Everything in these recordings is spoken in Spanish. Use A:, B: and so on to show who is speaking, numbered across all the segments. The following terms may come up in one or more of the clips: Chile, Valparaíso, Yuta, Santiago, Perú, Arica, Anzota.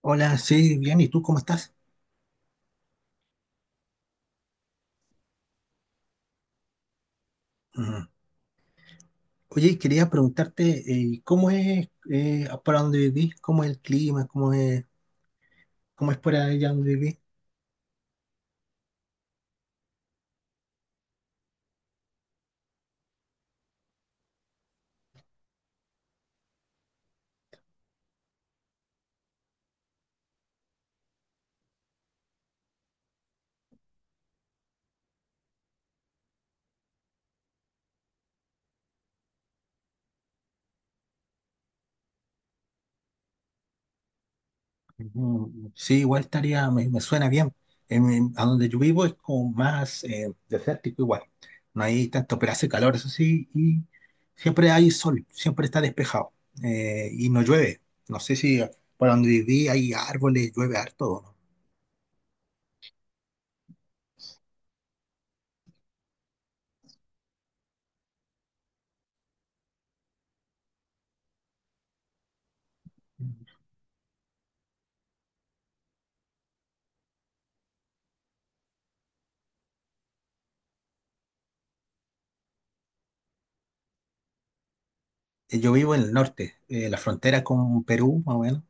A: Hola, sí, bien, ¿y tú cómo estás? Ujú. Oye, quería preguntarte, ¿cómo es para donde vivís? ¿Cómo es el clima? ¿Cómo es por allá donde vivís? Ujú. Sí, igual estaría, me suena bien. A donde yo vivo es como más desértico igual. No hay tanto, pero hace calor, eso sí, y siempre hay sol, siempre está despejado y no llueve. No sé si por donde viví hay árboles, llueve harto o no. Yo vivo en el norte, la frontera con Perú, más o menos.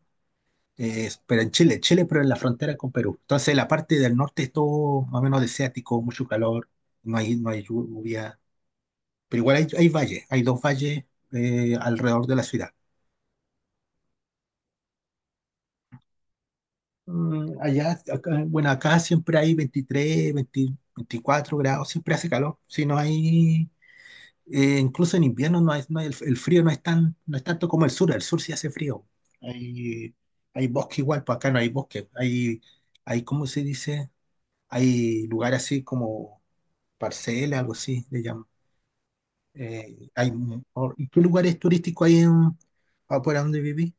A: Pero en Chile, pero en la frontera con Perú. Entonces, la parte del norte es todo más o menos desértico, mucho calor, no hay lluvia, pero igual hay valles, hay dos valles alrededor de la ciudad. Allá, bueno, acá siempre hay 23, 20 24 grados, siempre hace calor, si no hay, incluso en invierno no hay, no hay- el frío no es tanto como el sur, sí hace frío. Hay, Hay bosque igual, pues acá no hay bosque, hay, ¿cómo se dice? Hay lugares así como parcela, algo así, le llaman. ¿Y qué lugares turísticos hay afuera donde viví?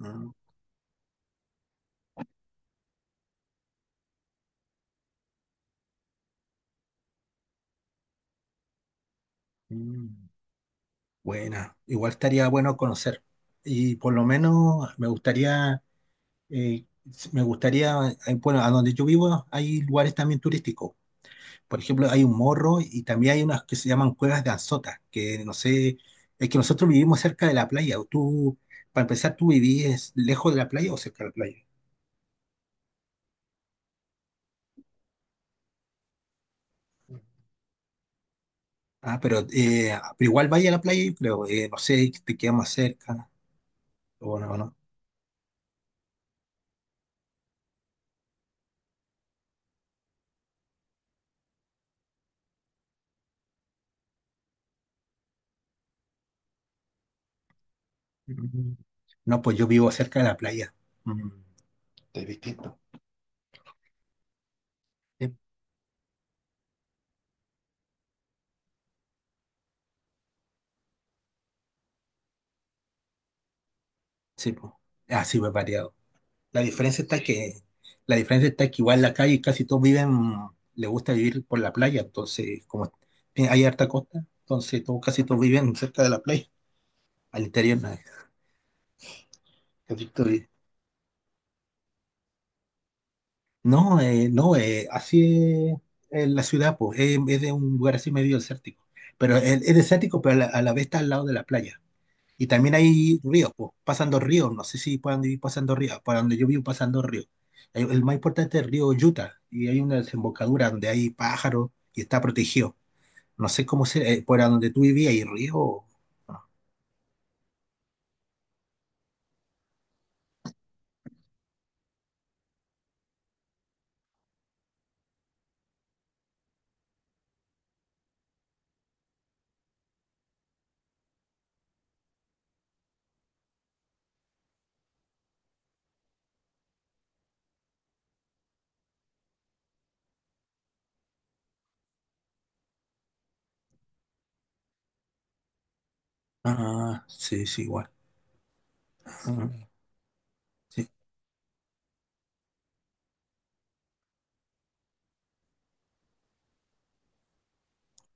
A: Mm, mm, buena, igual estaría bueno conocer. Y por lo menos eh, me gustaría, bueno, a donde yo vivo hay lugares también turísticos. Por ejemplo, hay un morro y también hay unas que se llaman cuevas de Anzota, que no sé, es que nosotros vivimos cerca de la playa. Para empezar, ¿tú vivís lejos de la playa o cerca de la playa? Ah, pero igual vaya a la playa, yo creo. No sé, te queda más cerca. O no, no. Mm, No, pues yo vivo cerca de la playa. Mm, Es distinto. Sí, sí, pues. Ah, sí, pues variado. La diferencia está que, la diferencia está que igual en la calle casi todos viven, les gusta vivir por la playa, entonces, como hay harta costa, entonces casi todos viven cerca de la playa. Al interior, no, no, así es en la ciudad, pues, es de un lugar así medio desértico. Pero es desértico, pero a la vez está al lado de la playa. Y también hay ríos, pues, pasan dos ríos, no sé si puedan vivir pasando ríos, para donde yo vivo pasan dos ríos. El más importante es el río Yuta, y hay una desembocadura donde hay pájaros y está protegido. No sé cómo se, por donde tú vivías, ¿hay río? Ah, sí, sí, igual. Ah, sí,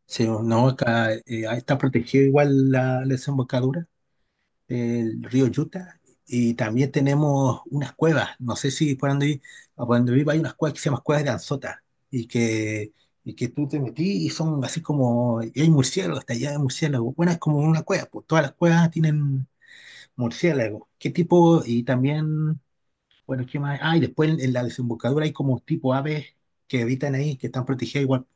A: sí, no, acá ahí está protegido igual la desembocadura el río Yuta, y también tenemos unas cuevas. No sé si por donde, vi- a por donde vivo hay unas cuevas que se llaman cuevas de Anzota, y que, y que tú te metís y son así como, y hay murciélagos, está allá de murciélagos. Bueno, es como una cueva, pues todas las cuevas tienen murciélagos. ¿Qué tipo? Y también, bueno, ¿qué más? Ah, y después en la desembocadura hay como tipo aves que habitan ahí, que están protegidas igual.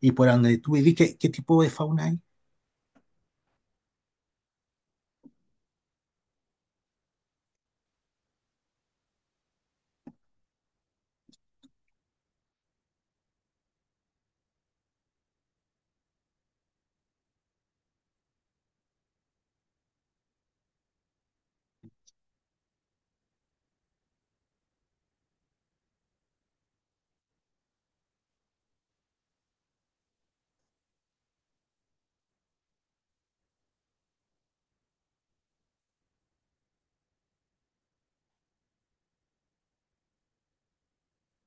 A: Y por donde tú vivís, ¿qué tipo de fauna hay?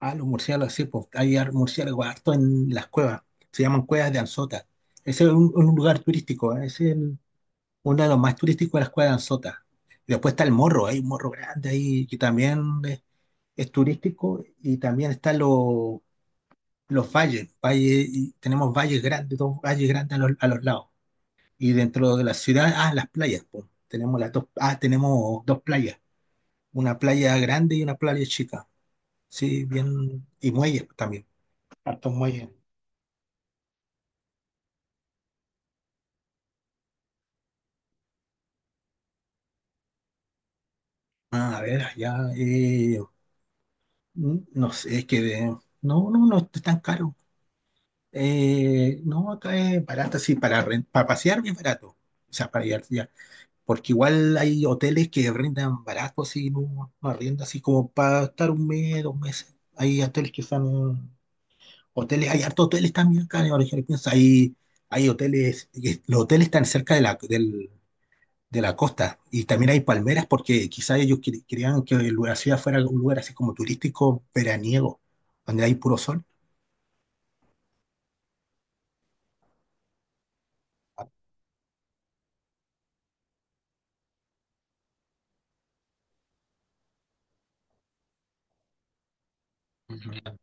A: Ah, los murciélagos, sí, pues hay murciélagos harto en las cuevas, se llaman cuevas de Anzota. Ese es un lugar turístico, ¿eh? Uno de los más turísticos de las cuevas de Anzota. Y después está el morro, hay un morro grande ahí que también es, es turístico y también están los valles y tenemos valles grandes, dos valles grandes a los lados. Y dentro de la ciudad, ah, las playas, pues, tenemos dos playas, una playa grande y una playa chica, sí, bien, y muelles también, hartos muelles. Ah, a ver, ya no sé, es que no, no, no es tan caro. No, acá es barato, sí, para pasear es barato. O sea, para ir ya. Porque igual hay hoteles que rentan barato, así, no, no arriendan, así como para estar un mes, dos meses. Hay hoteles que son hoteles, hay hartos hoteles también acá, ahora que lo pienso, los hoteles están cerca de de la costa. Y también hay palmeras porque quizás ellos creían que la ciudad fuera un lugar así como turístico veraniego, donde hay puro sol. Ujú.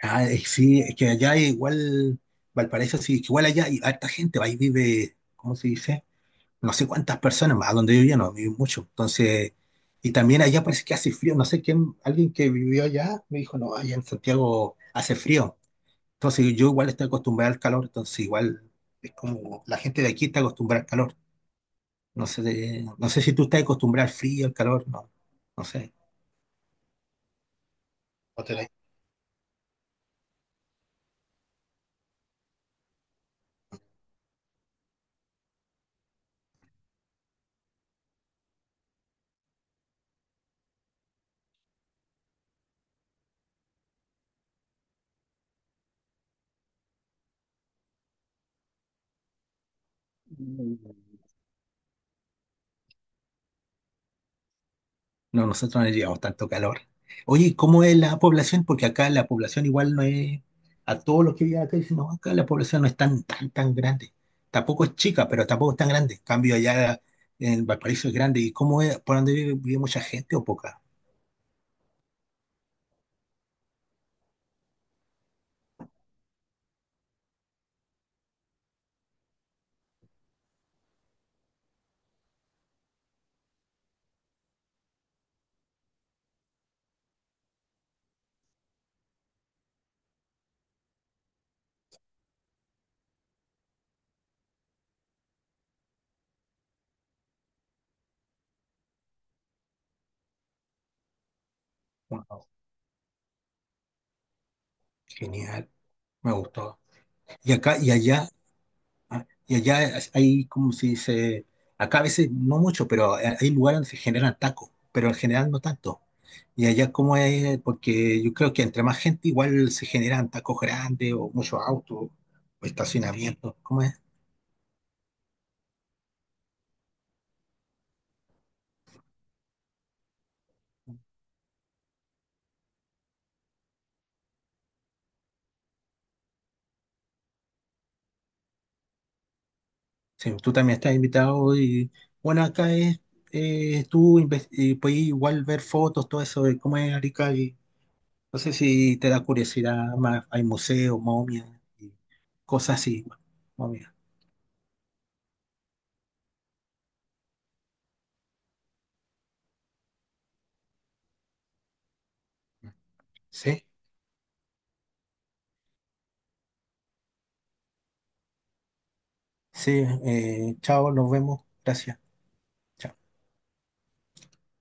A: Ah, sí, es que allá igual, Valparaíso, sí, que igual allá hay harta gente, ahí vive, ¿cómo se dice? No sé cuántas personas, a donde yo vivía no, vive mucho. Entonces, y también allá parece que hace frío, no sé quién, alguien que vivió allá me dijo, no, allá en Santiago hace frío. Entonces, yo igual estoy acostumbrado al calor, entonces igual es como la gente de aquí está acostumbrada al calor. No sé, no sé si tú estás acostumbrado al frío, al calor, no, no sé. No tenéis. No, nosotros no llevamos tanto calor. Oye, ¿cómo es la población? Porque acá la población igual no es, a todos los que viven acá dicen, no, acá la población no es tan, tan, tan grande. Tampoco es chica, pero tampoco es tan grande. En cambio, allá en Valparaíso es grande. ¿Y cómo es? ¿Por dónde vive mucha gente o poca? Wow, genial, me gustó. Y acá y allá Y allá hay, como se dice, acá a veces no mucho, pero hay lugares donde se generan tacos, pero en general no tanto. Y allá como es, porque yo creo que entre más gente igual se generan tacos grandes o muchos autos o estacionamientos, ¿cómo es? Sí, tú también estás invitado y bueno, acá es, tú inves- puedes igual ver fotos, todo eso de cómo es Arica y no sé si te da curiosidad más, hay museos, momias y cosas así, momias, ¿sí? Sí, chao, nos vemos. Gracias. Chao.